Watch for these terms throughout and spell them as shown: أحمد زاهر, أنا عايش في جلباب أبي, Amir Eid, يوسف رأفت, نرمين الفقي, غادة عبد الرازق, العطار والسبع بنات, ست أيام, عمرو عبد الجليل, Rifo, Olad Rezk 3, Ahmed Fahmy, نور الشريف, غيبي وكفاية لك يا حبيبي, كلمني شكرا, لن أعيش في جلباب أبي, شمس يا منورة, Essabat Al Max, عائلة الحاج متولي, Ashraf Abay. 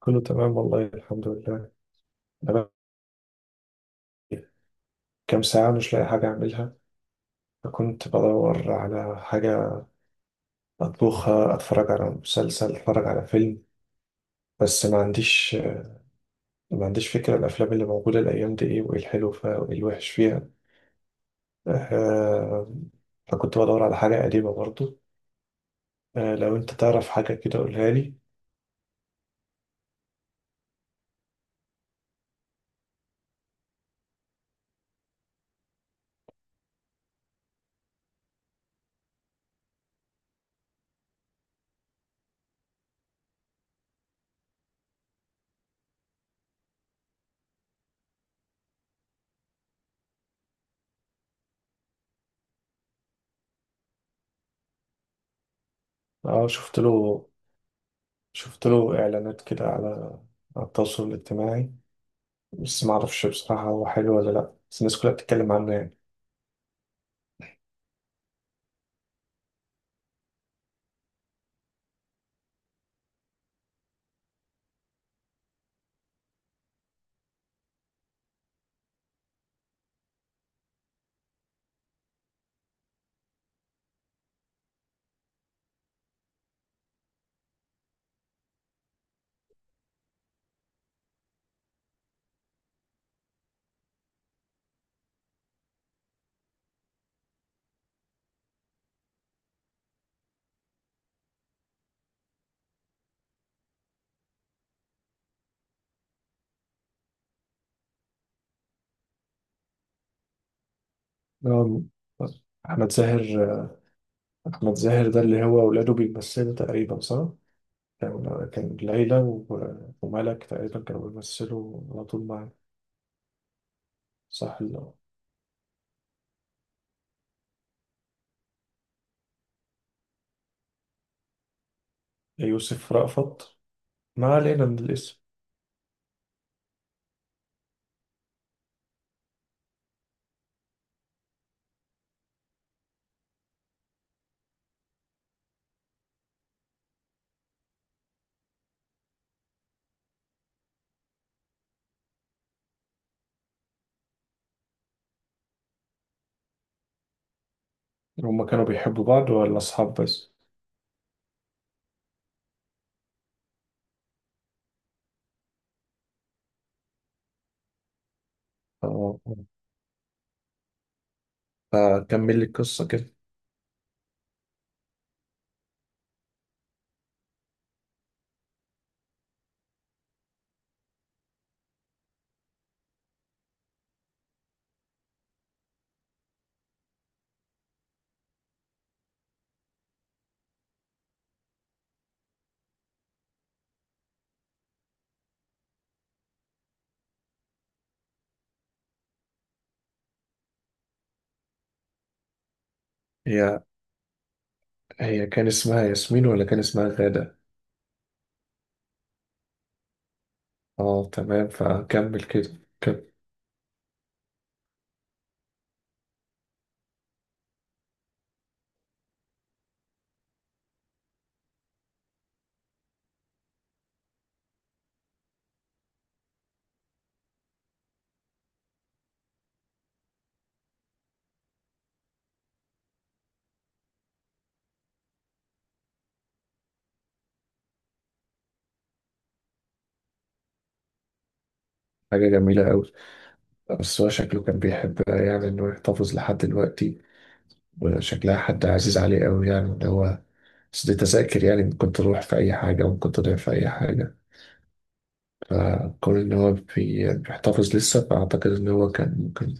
كله تمام والله الحمد لله. أنا كام ساعة مش لاقي حاجة أعملها، فكنت بدور على حاجة أطبخها، أتفرج على مسلسل، أتفرج على فيلم، بس ما عنديش فكرة الأفلام اللي موجودة الأيام دي إيه، وإيه الحلو فيها وإيه الوحش فيها. آه، فكنت بدور على حاجة قديمة برضو. لو أنت تعرف حاجة كده قولها لي. أه، شفت له إعلانات كده على التواصل الاجتماعي، بس ما أعرفش بصراحة هو حلو ولا لأ، بس الناس كلها بتتكلم عنه يعني. آه، أحمد زاهر. أحمد زاهر ده اللي هو ولاده بيمثلوا تقريبا، صح؟ كان ليلى وملك تقريبا كانوا بيمثلوا على طول مع... صح، يوسف رأفت. ما علينا من الاسم. هما كانوا بيحبوا بعض ولا أصحاب بس؟ آه، فكمل لي القصة كده. هي هي كان اسمها ياسمين ولا كان اسمها غادة؟ اه تمام، فكمل كده كانت... حاجة جميلة أوي، بس هو شكله كان بيحبها يعني، إنه يحتفظ لحد دلوقتي وشكلها حد عزيز عليه قوي يعني اللي هو. بس دي تذاكر يعني، ممكن تروح في أي حاجة وممكن تضيع في أي حاجة، فكون إن هو بيحتفظ لسه فأعتقد إن هو كان ممكن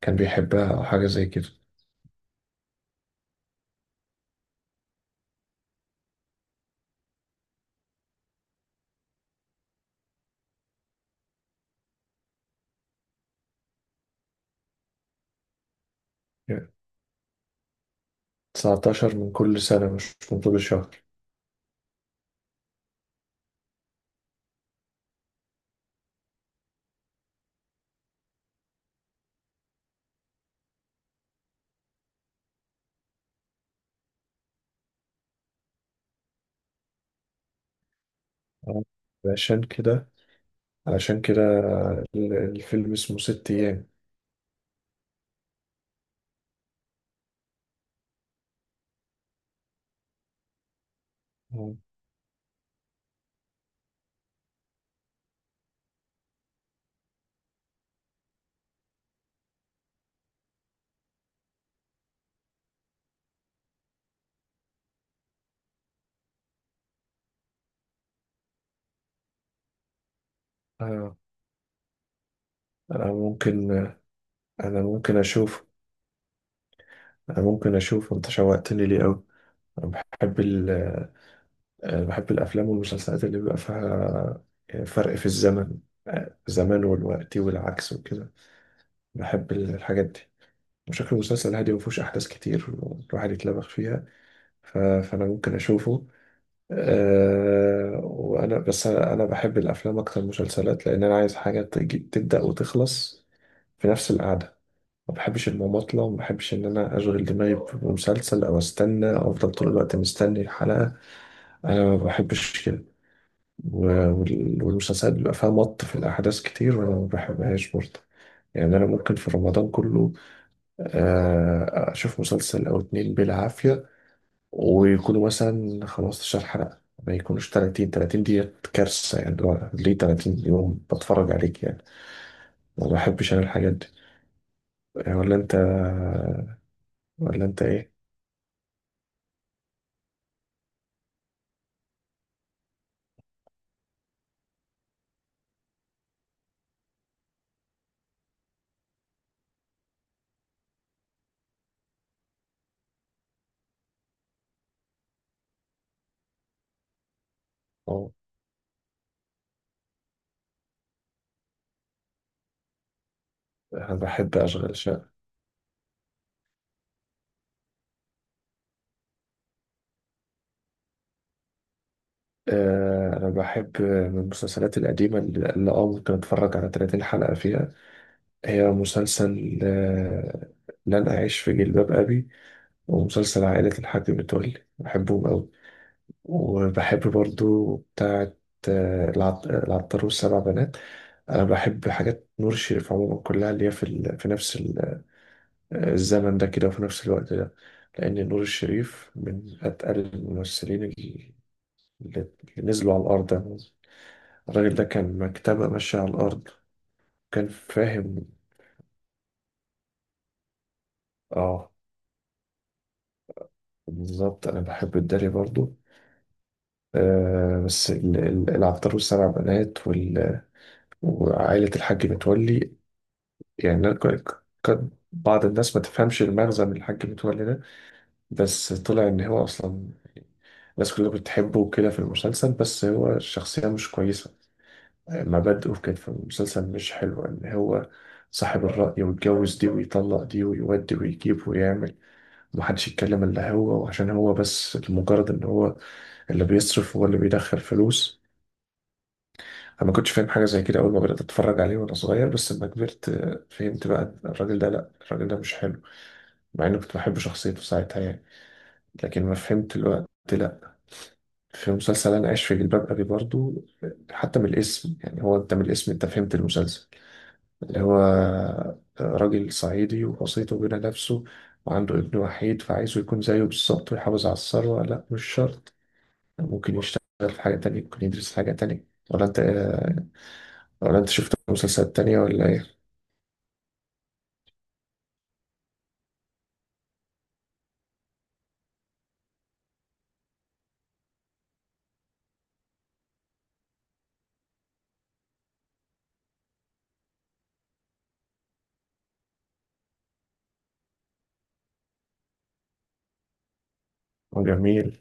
كان بيحبها أو حاجة زي كده. يعني 19 من كل سنة مش من طول الشهر؟ آه. عشان كده، علشان كده الفيلم اسمه ست أيام. آه. آه. أنا ممكن أنا ممكن أشوف أنا ممكن أشوف. أنت شوقتني ليه أوي. أنا بحب ال بحب الأفلام والمسلسلات اللي بيبقى فيها فرق في الزمن، زمان والوقت والعكس وكده. بحب الحاجات دي. وشكل المسلسل هادي مفهوش أحداث كتير، الواحد يتلبخ فيها. فأنا ممكن أشوفه. أه، وأنا بس، أنا بحب الأفلام أكتر من المسلسلات، لأن أنا عايز حاجة تجي تبدأ وتخلص في نفس القعدة. ما بحبش المماطلة وما بحبش إن أنا أشغل دماغي بمسلسل أو أستنى أو أفضل طول الوقت مستني الحلقة. أنا ما بحبش كده. والمسلسلات بيبقى فيها مط في الأحداث كتير وأنا ما بحبهاش برضه. يعني أنا ممكن في رمضان كله أشوف مسلسل أو اتنين بالعافية، ويكونوا مثلا 15 حلقة. ما يكونوش 30 دي كارثة، يعني اللي هو ليه 30 يوم بتفرج عليك يعني. ما بحبش أنا الحاجات دي. آه، ولا أنت ولا أنت إيه؟ أه، أنا بحب أشغل شقة. أنا بحب من المسلسلات القديمة اللي أه ممكن أتفرج على 30 حلقة فيها. هي مسلسل لن أعيش في جلباب أبي، ومسلسل عائلة الحاج متولي، بحبهم أوي. وبحب برضو بتاعة العطار والسبع بنات. أنا بحب حاجات نور الشريف عموما كلها، اللي هي في في نفس الزمن ده كده وفي نفس الوقت ده. لأن نور الشريف من أتقل الممثلين اللي نزلوا على الأرض يعني. الراجل ده كان مكتبة ماشية على الأرض، كان فاهم. آه، بالظبط، أنا بحب الداري برضو. بس العطار والسبع بنات وعائلة الحاج متولي. يعني أنا كان بعض الناس ما تفهمش المغزى من الحاج متولي ده، بس طلع إن هو أصلا الناس كلها بتحبه وكده في المسلسل، بس هو الشخصية مش كويسة. مبادئه كانت في المسلسل مش حلوة، إن هو صاحب الرأي ويتجوز دي ويطلق دي ويودي ويجيب ويعمل، ومحدش يتكلم إلا هو، وعشان هو بس لمجرد إن هو اللي بيصرف هو اللي بيدخل فلوس. انا ما كنتش فاهم حاجه زي كده اول ما بدات اتفرج عليه وانا صغير، بس لما كبرت فهمت بقى إن الراجل ده، لا الراجل ده مش حلو، مع اني كنت بحب شخصيته ساعتها يعني. لكن ما فهمت الوقت لا. في مسلسل انا عايش في جلباب ابي برضو، حتى من الاسم، يعني هو انت من الاسم انت فهمت المسلسل. اللي هو راجل صعيدي ووسيطه بين نفسه، وعنده ابن وحيد فعايزه يكون زيه بالظبط ويحافظ على الثروه. لا مش شرط، ممكن يشتغل في حاجه تانية، ممكن يدرس حاجه تانية. ولا انت ولا انت شفت مسلسلات تانية ولا ايه؟ جميل.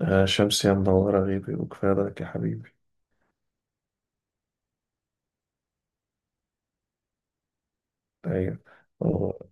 آه، شمس يا منورة غيبي وكفاية لك يا حبيبي. ايوه. أوه.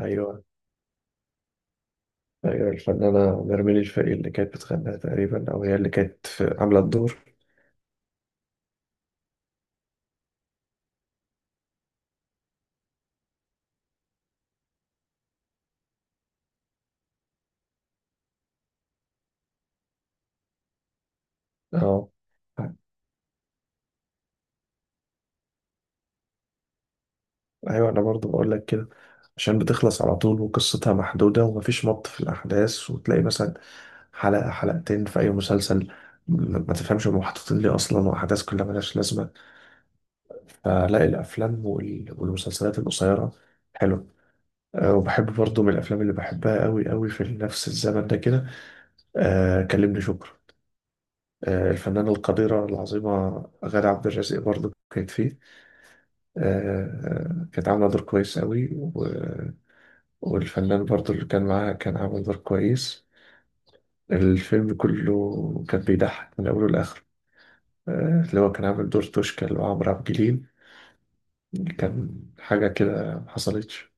ايوه. ايوه الفنانة نرمين الفقي اللي كانت بتغنيها تقريبا، او هي اللي كانت عاملة الدور. اه. ايوه، انا برضو بقول لك كده، عشان بتخلص على طول وقصتها محدودة ومفيش مط في الاحداث. وتلاقي مثلا حلقة حلقتين في اي مسلسل ما تفهمش هم محطوطين ليه اصلا، واحداث كلها ملهاش لازمة. فلاقي الافلام والمسلسلات القصيرة حلو. وبحب برضو من الافلام اللي بحبها قوي قوي في نفس الزمن ده كده كلمني شكرا. الفنانة القديرة العظيمة غادة عبد الرازق برضو كانت فيه كانت عاملة دور كويس قوي والفنان برضو اللي كان معاها كان عامل دور كويس. الفيلم كله كان بيضحك من أوله لآخره. اللي هو كان عامل دور توشكا اللي هو عمرو عبد الجليل كان حاجة كده محصلتش.